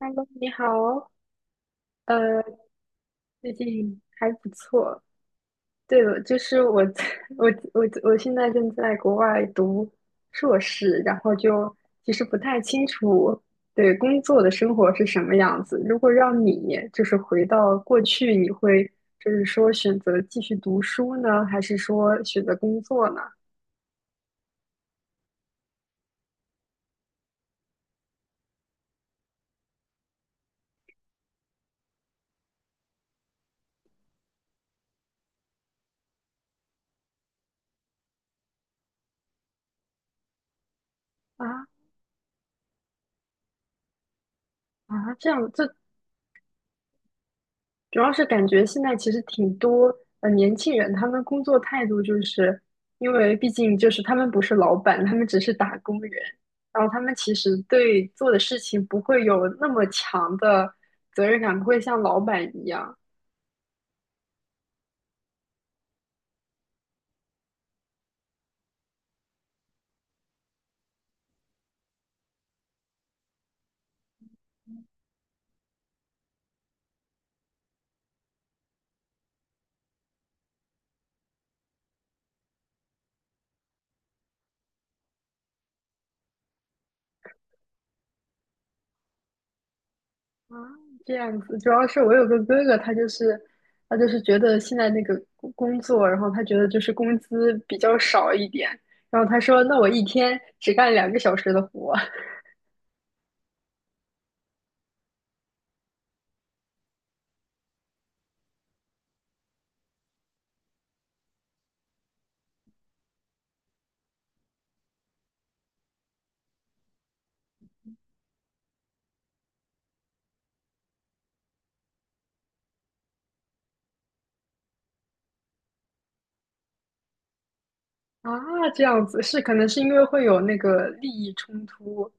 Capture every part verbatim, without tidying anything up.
Hello，你好哦，呃，最近还不错。对了，就是我在，我，我，我现在正在国外读硕士，然后就其实不太清楚，对，工作的生活是什么样子。如果让你就是回到过去，你会就是说选择继续读书呢，还是说选择工作呢？啊啊，这样，这主要是感觉现在其实挺多呃年轻人，他们工作态度就是因为毕竟就是他们不是老板，他们只是打工人，然后他们其实对做的事情不会有那么强的责任感，不会像老板一样啊这样子。主要是我有个哥哥，他就是他就是觉得现在那个工工作，然后他觉得就是工资比较少一点，然后他说那我一天只干两个小时的活。啊，这样子是可能是因为会有那个利益冲突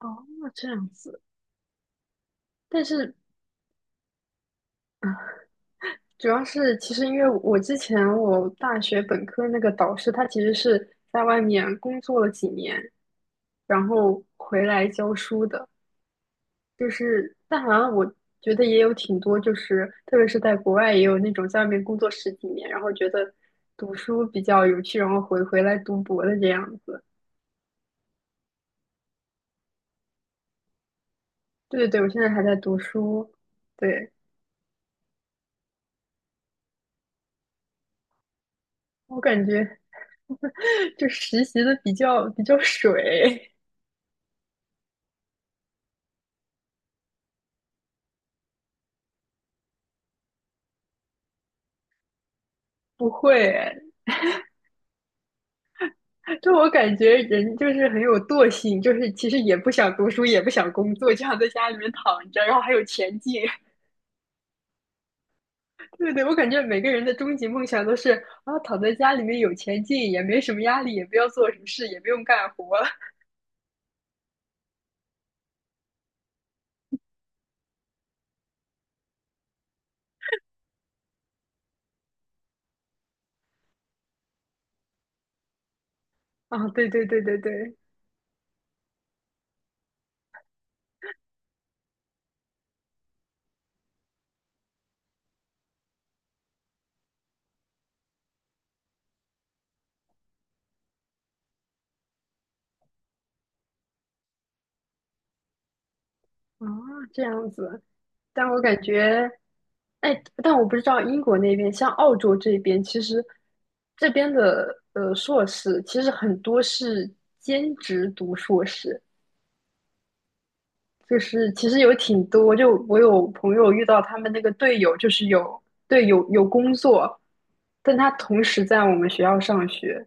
哦，这样子。但是主要是其实因为我之前我大学本科那个导师，他其实是在外面工作了几年，然后回来教书的。就是但好像我觉得也有挺多，就是特别是在国外也有那种在外面工作十几年，然后觉得读书比较有趣，然后回回来读博的这样子。对对对，我现在还在读书，对。我感觉就实习的比较比较水，不会。就我感觉人就是很有惰性，就是其实也不想读书，也不想工作，就想在家里面躺着，然后还有钱进。对对，我感觉每个人的终极梦想都是啊，躺在家里面有钱进，也没什么压力，也不要做什么事，也不用干活。啊，对对对对对，啊，这样子。但我感觉。哎，但我不知道英国那边，像澳洲这边，其实这边的呃硕士，其实很多是兼职读硕士，就是其实有挺多，就我有朋友遇到他们那个队友，就是有对有有工作，但他同时在我们学校上学。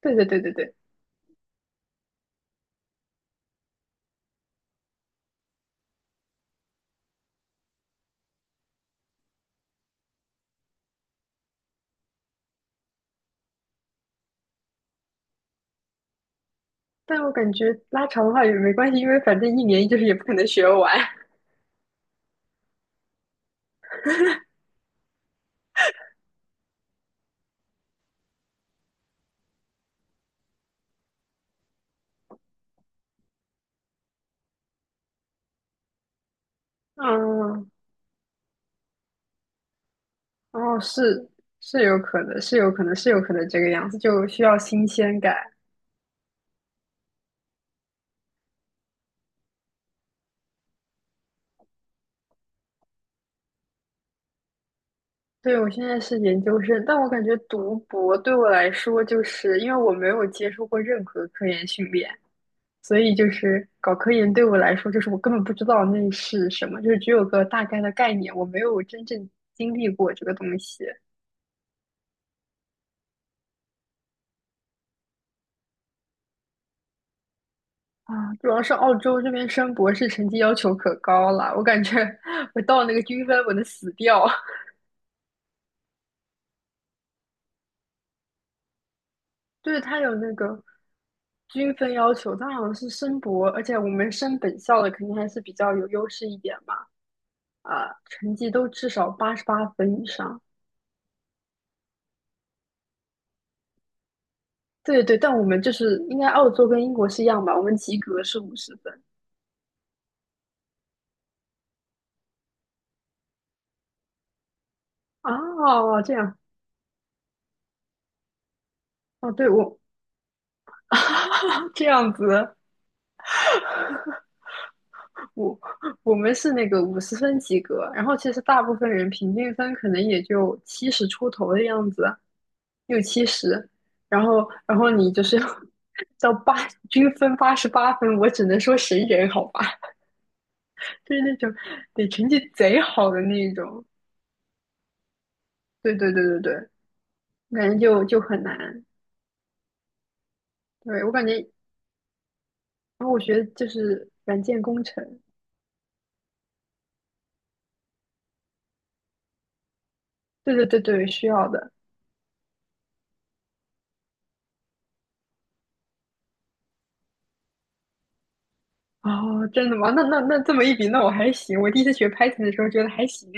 对对对对对，但我感觉拉长的话也没关系，因为反正一年就是也不可能学完。嗯，哦，是是有可能，是有可能，是有可能这个样子，就需要新鲜感。对，我现在是研究生，但我感觉读博对我来说，就是因为我没有接受过任何科研训练，所以就是搞科研对我来说，就是我根本不知道那是什么，就是只有个大概的概念，我没有真正经历过这个东西啊。主要是澳洲这边升博士成绩要求可高了，我感觉 我到那个均分我能死掉。对，他有那个均分要求，他好像是升博，而且我们升本校的肯定还是比较有优势一点嘛。啊、成绩都至少八十八分以上。对对，但我们就是应该澳洲跟英国是一样吧？我们及格是五十分哦，这样哦，对我啊这样子，我我们是那个五十分及格，然后其实大部分人平均分可能也就七十出头的样子，六七十，然后然后你就是要 到八均分八十八分，我只能说神人好吧，就是那种得成绩贼好的那一种。对对对对对，我感觉就就很难。对，我感觉，然后我学的就是软件工程，对对对对，需要的。哦，真的吗？那那那这么一比，那我还行。我第一次学 Python 的时候觉得还行，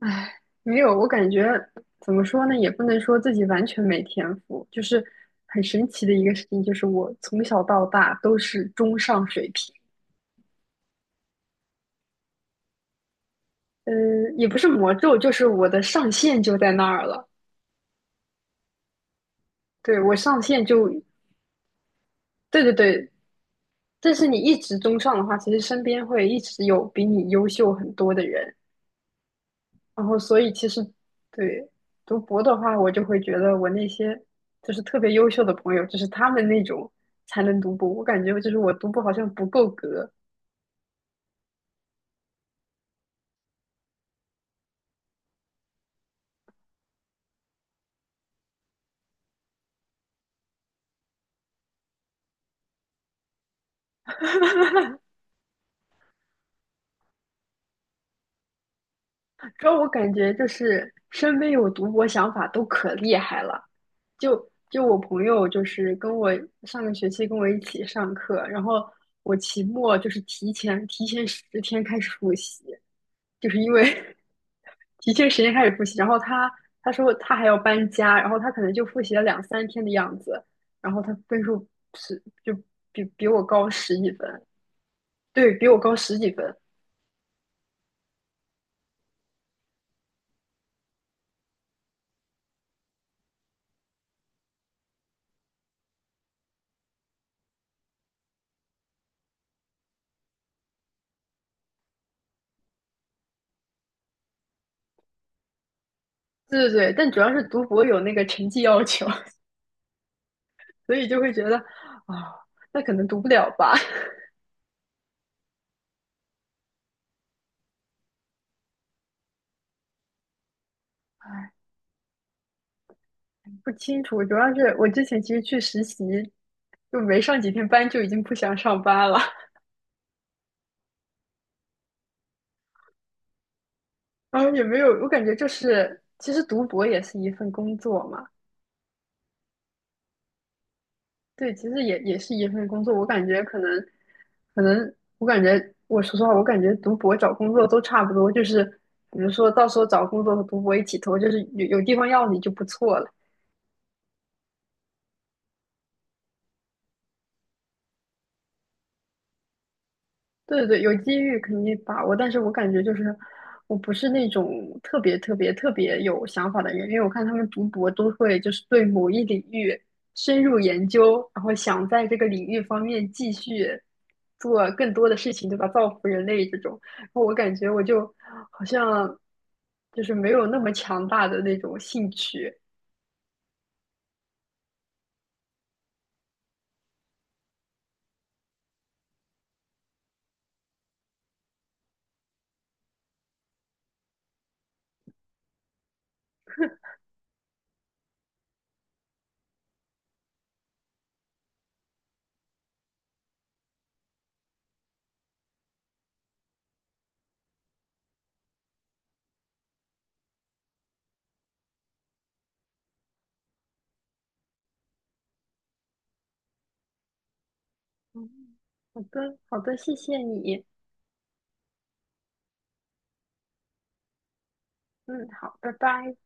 唉，没有，我感觉怎么说呢，也不能说自己完全没天赋，就是很神奇的一个事情，就是我从小到大都是中上水平。呃，也不是魔咒，就是我的上限就在那儿了。对，我上限就，对对对，但是你一直中上的话，其实身边会一直有比你优秀很多的人，然后所以其实对读博的话，我就会觉得我那些就是特别优秀的朋友，就是他们那种才能读博，我感觉就是我读博好像不够格，主要我感觉就是身边有读博想法都可厉害了，就就我朋友就是跟我上个学期跟我一起上课，然后我期末就是提前提前十天开始复习，就是因为提前时间开始复习，然后他他说他还要搬家，然后他可能就复习了两三天的样子，然后他分数是就比比我高十几分，对，比我高十几分，对对对，但主要是读博有那个成绩要求，所以就会觉得啊、那可能读不了吧，不清楚，主要是我之前其实去实习，就没上几天班就已经不想上班了，然后也没有，我感觉就是其实读博也是一份工作嘛。对，其实也也是一份工作，我感觉可能，可能我感觉，我说实话，我感觉读博找工作都差不多，就是比如说到时候找工作和读博一起投，就是有有地方要你就不错了。对对对，有机遇肯定把握，但是我感觉就是我不是那种特别特别特别有想法的人，因为我看他们读博都会就是对某一领域深入研究，然后想在这个领域方面继续做更多的事情，对吧？造福人类这种，然后我感觉我就好像就是没有那么强大的那种兴趣。嗯，好的，好的，谢谢你。嗯，好，拜拜。